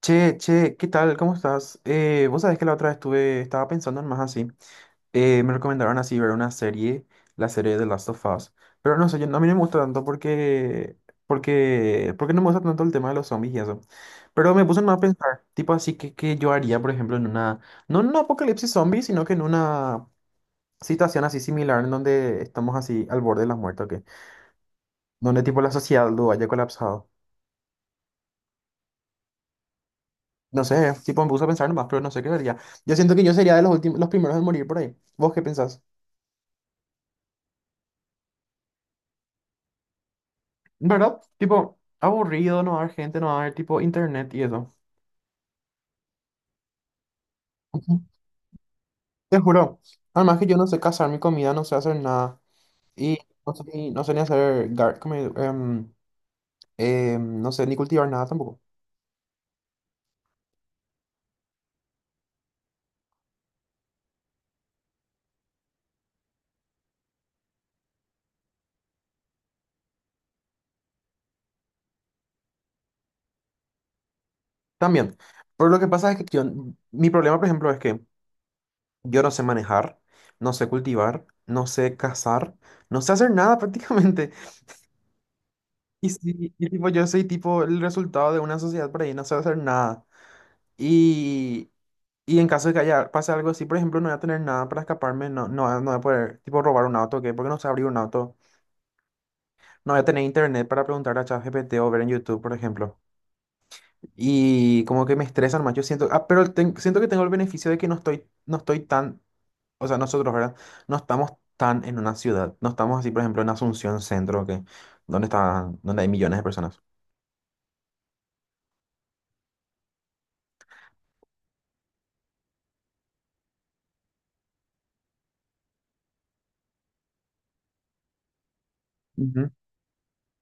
Che, che, ¿qué tal? ¿Cómo estás? Vos sabés que la otra vez estaba pensando en más así. Me recomendaron así ver una serie, la serie de Last of Us. Pero no sé, yo, a mí no me gusta tanto porque no me gusta tanto el tema de los zombies y eso. Pero me puse más a pensar, tipo así, que yo haría, por ejemplo, no en un apocalipsis zombie, sino que en una situación así similar en donde estamos así al borde de la muerte, ¿o qué? Donde tipo la sociedad lo haya colapsado. No sé, tipo me puse a pensar nomás, pero no sé qué sería. Yo siento que yo sería de los últimos, los primeros en morir por ahí. ¿Vos qué pensás? ¿Verdad? Tipo, aburrido, no va a haber gente, no va a haber tipo internet y eso. Ujú. Te juro. Además que yo no sé cazar mi comida, no sé hacer nada. Y no sé ni, no sé ni hacer gar, no sé ni cultivar nada tampoco. También. Pero lo que pasa es que yo, mi problema, por ejemplo, es que yo no sé manejar, no sé cultivar, no sé cazar, no sé hacer nada prácticamente. Y sí, y tipo, yo soy tipo el resultado de una sociedad por ahí, no sé hacer nada. Y, y en caso de que haya, pase algo así, por ejemplo, no voy a tener nada para escaparme, no voy a poder tipo robar un auto, ¿qué? Porque no sé abrir un auto. No voy a tener internet para preguntar a ChatGPT o ver en YouTube, por ejemplo. Y como que me estresan más, yo siento, ah, pero siento que tengo el beneficio de que no estoy tan, o sea, nosotros, ¿verdad? No estamos tan en una ciudad, no estamos así, por ejemplo, en Asunción Centro, donde hay millones de personas.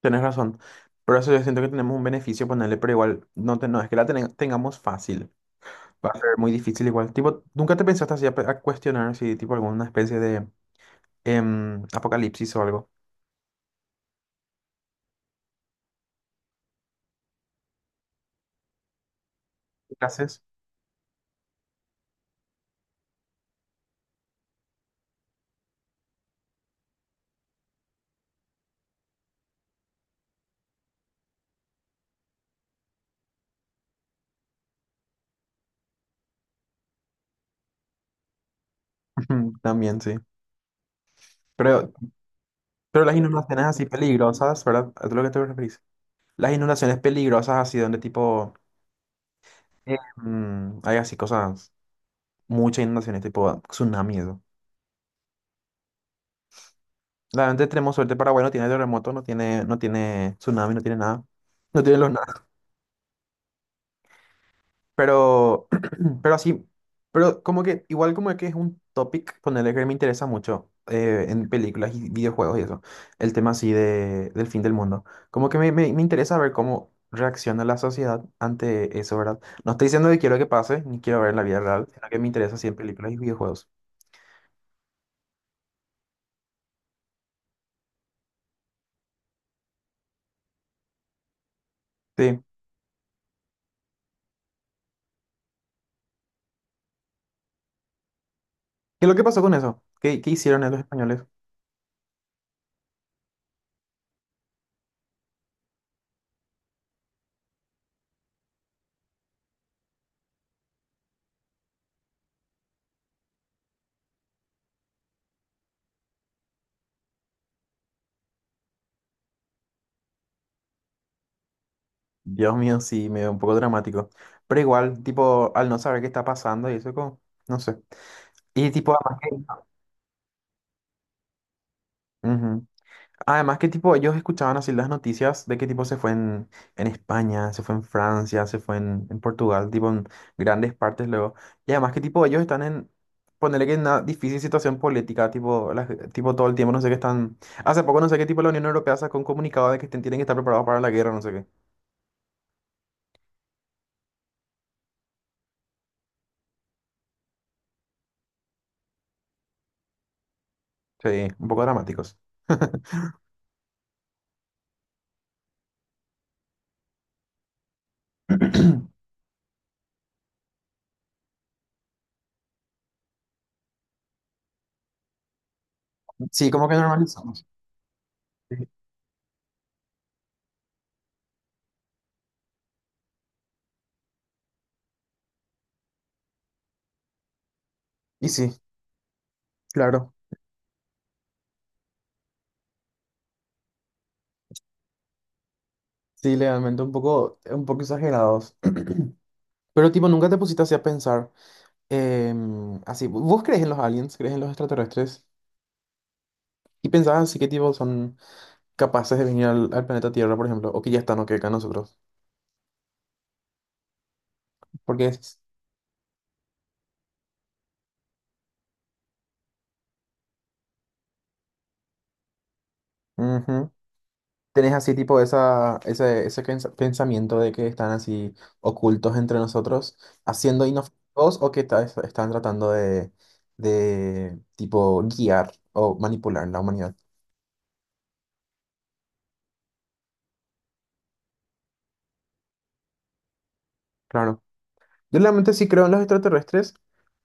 Tenés razón. Por eso yo siento que tenemos un beneficio ponerle, pero igual no, no es que la tengamos fácil. Va a ser muy difícil igual. Tipo, ¿nunca te pensaste así a, a cuestionar si tipo alguna especie de apocalipsis o algo? Clases. También, sí. Pero, pero las inundaciones así peligrosas, ¿verdad? ¿A lo que te referís? Las inundaciones peligrosas así donde tipo hay así cosas, muchas inundaciones, tipo tsunami y eso. Realmente tenemos suerte, Paraguay no tiene terremoto, no tiene tsunami, no tiene nada. No tiene los. Pero, pero así, pero como que, igual como que es un topic, ponerle que me interesa mucho en películas y videojuegos y eso, el tema así de, del fin del mundo. Como que me interesa ver cómo reacciona la sociedad ante eso, ¿verdad? No estoy diciendo que quiero que pase, ni quiero ver en la vida real, sino que me interesa así en películas y videojuegos. Sí. ¿Qué es lo que pasó con eso? ¿Qué hicieron los españoles? Dios mío, sí, medio un poco dramático. Pero igual, tipo, al no saber qué está pasando y eso, como, no sé. Y tipo, además que... Ujú. Además, que tipo, ellos escuchaban así las noticias de que tipo se fue en, España, se fue en Francia, se fue en, Portugal, tipo en grandes partes luego. Y además que tipo ellos están ponerle que en una difícil situación política, tipo, tipo todo el tiempo, no sé qué están. Hace poco no sé qué tipo la Unión Europea sacó un comunicado de que tienen que estar preparados para la guerra, no sé qué. Sí, un poco dramáticos. Sí, como que normalizamos. Sí. Y sí, claro. Sí, legalmente un poco exagerados. Pero tipo, nunca te pusiste así a pensar. Así, ¿vos crees en los aliens? ¿Crees en los extraterrestres? ¿Y pensás así que tipo son capaces de venir al, al planeta Tierra, por ejemplo? O que ya están o que acá nosotros. Porque es. Ujú. Tenés así tipo ese pensamiento de que están así ocultos entre nosotros, haciendo inofensivos o que están tratando de tipo guiar o manipular la humanidad. Claro. Yo realmente sí creo en los extraterrestres,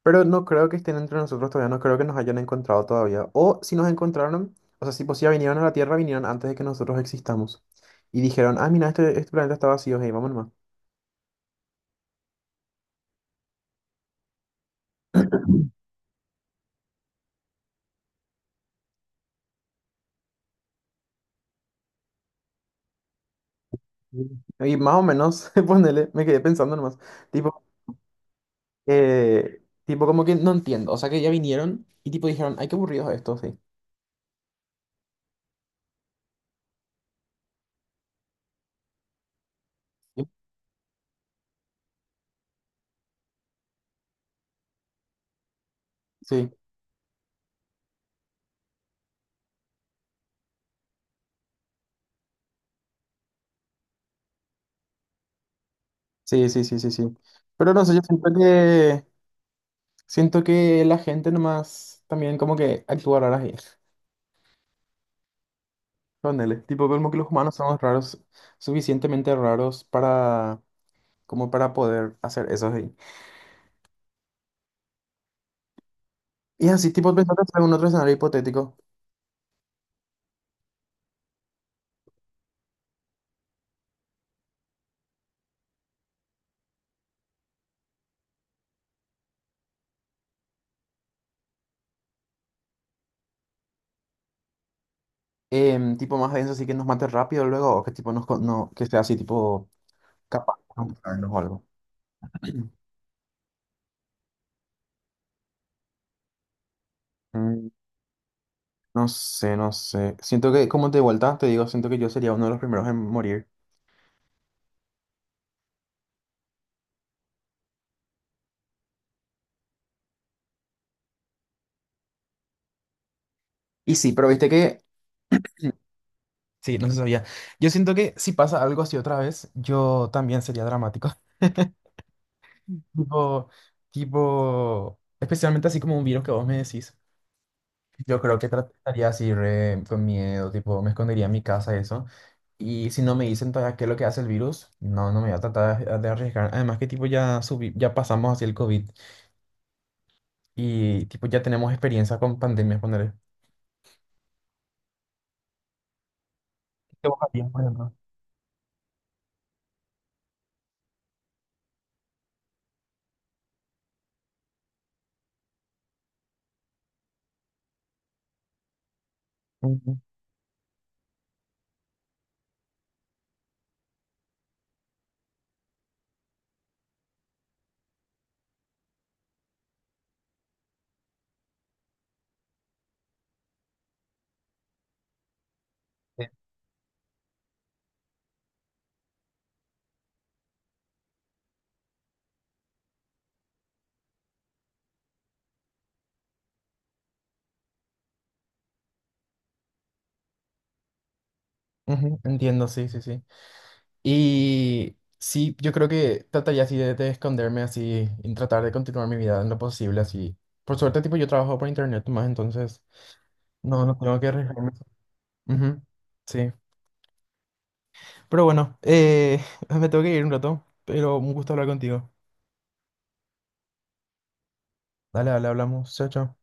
pero no creo que estén entre nosotros todavía, no creo que nos hayan encontrado todavía. O si nos encontraron, o sea, si ya vinieron a la Tierra, vinieron antes de que nosotros existamos. Y dijeron, ah, mira, este planeta está vacío, hey, vamos nomás. Mm. Y más o menos, ponele, me quedé pensando nomás. Tipo, tipo, como que no entiendo. O sea, que ya vinieron y tipo dijeron, ay, qué aburridos estos, sí. Sí, sí, sí, sí, sí, sí. Pero no sé, yo siento que la gente nomás también como que actúa rara. Ponele, tipo, como que los humanos somos raros, suficientemente raros para, como para poder hacer eso ahí. Y así, tipo, pensando en algún otro escenario hipotético, tipo más denso, así que nos mate rápido luego, o que tipo nos, no, que sea así, tipo, capaz de matarnos o algo. Mm. No sé, no sé. Siento que, como de vuelta, te digo, siento que yo sería uno de los primeros en morir. Y sí, pero viste que... Sí, no se sabía. Yo siento que si pasa algo así otra vez, yo también sería dramático. Tipo, especialmente así como un virus que vos me decís, yo creo que trataría así re con miedo, tipo, me escondería en mi casa y eso. Y si no me dicen todavía qué es lo que hace el virus, no, no me voy a tratar de arriesgar. Además que tipo ya subí, ya pasamos hacia el COVID y tipo ya tenemos experiencia con pandemias, poner. ¿Qué vos harías, por ejemplo? Ujú, sí. Ujú, entiendo, sí, sí, sí. Y sí, yo creo que trataría así de esconderme así y tratar de continuar mi vida en lo posible así. Por suerte, tipo, yo trabajo por internet más, entonces no, no tengo que arriesgarme. Ujú. Sí. Pero bueno, me tengo que ir un rato, pero un gusto hablar contigo. Dale, dale, hablamos. Chao, chao.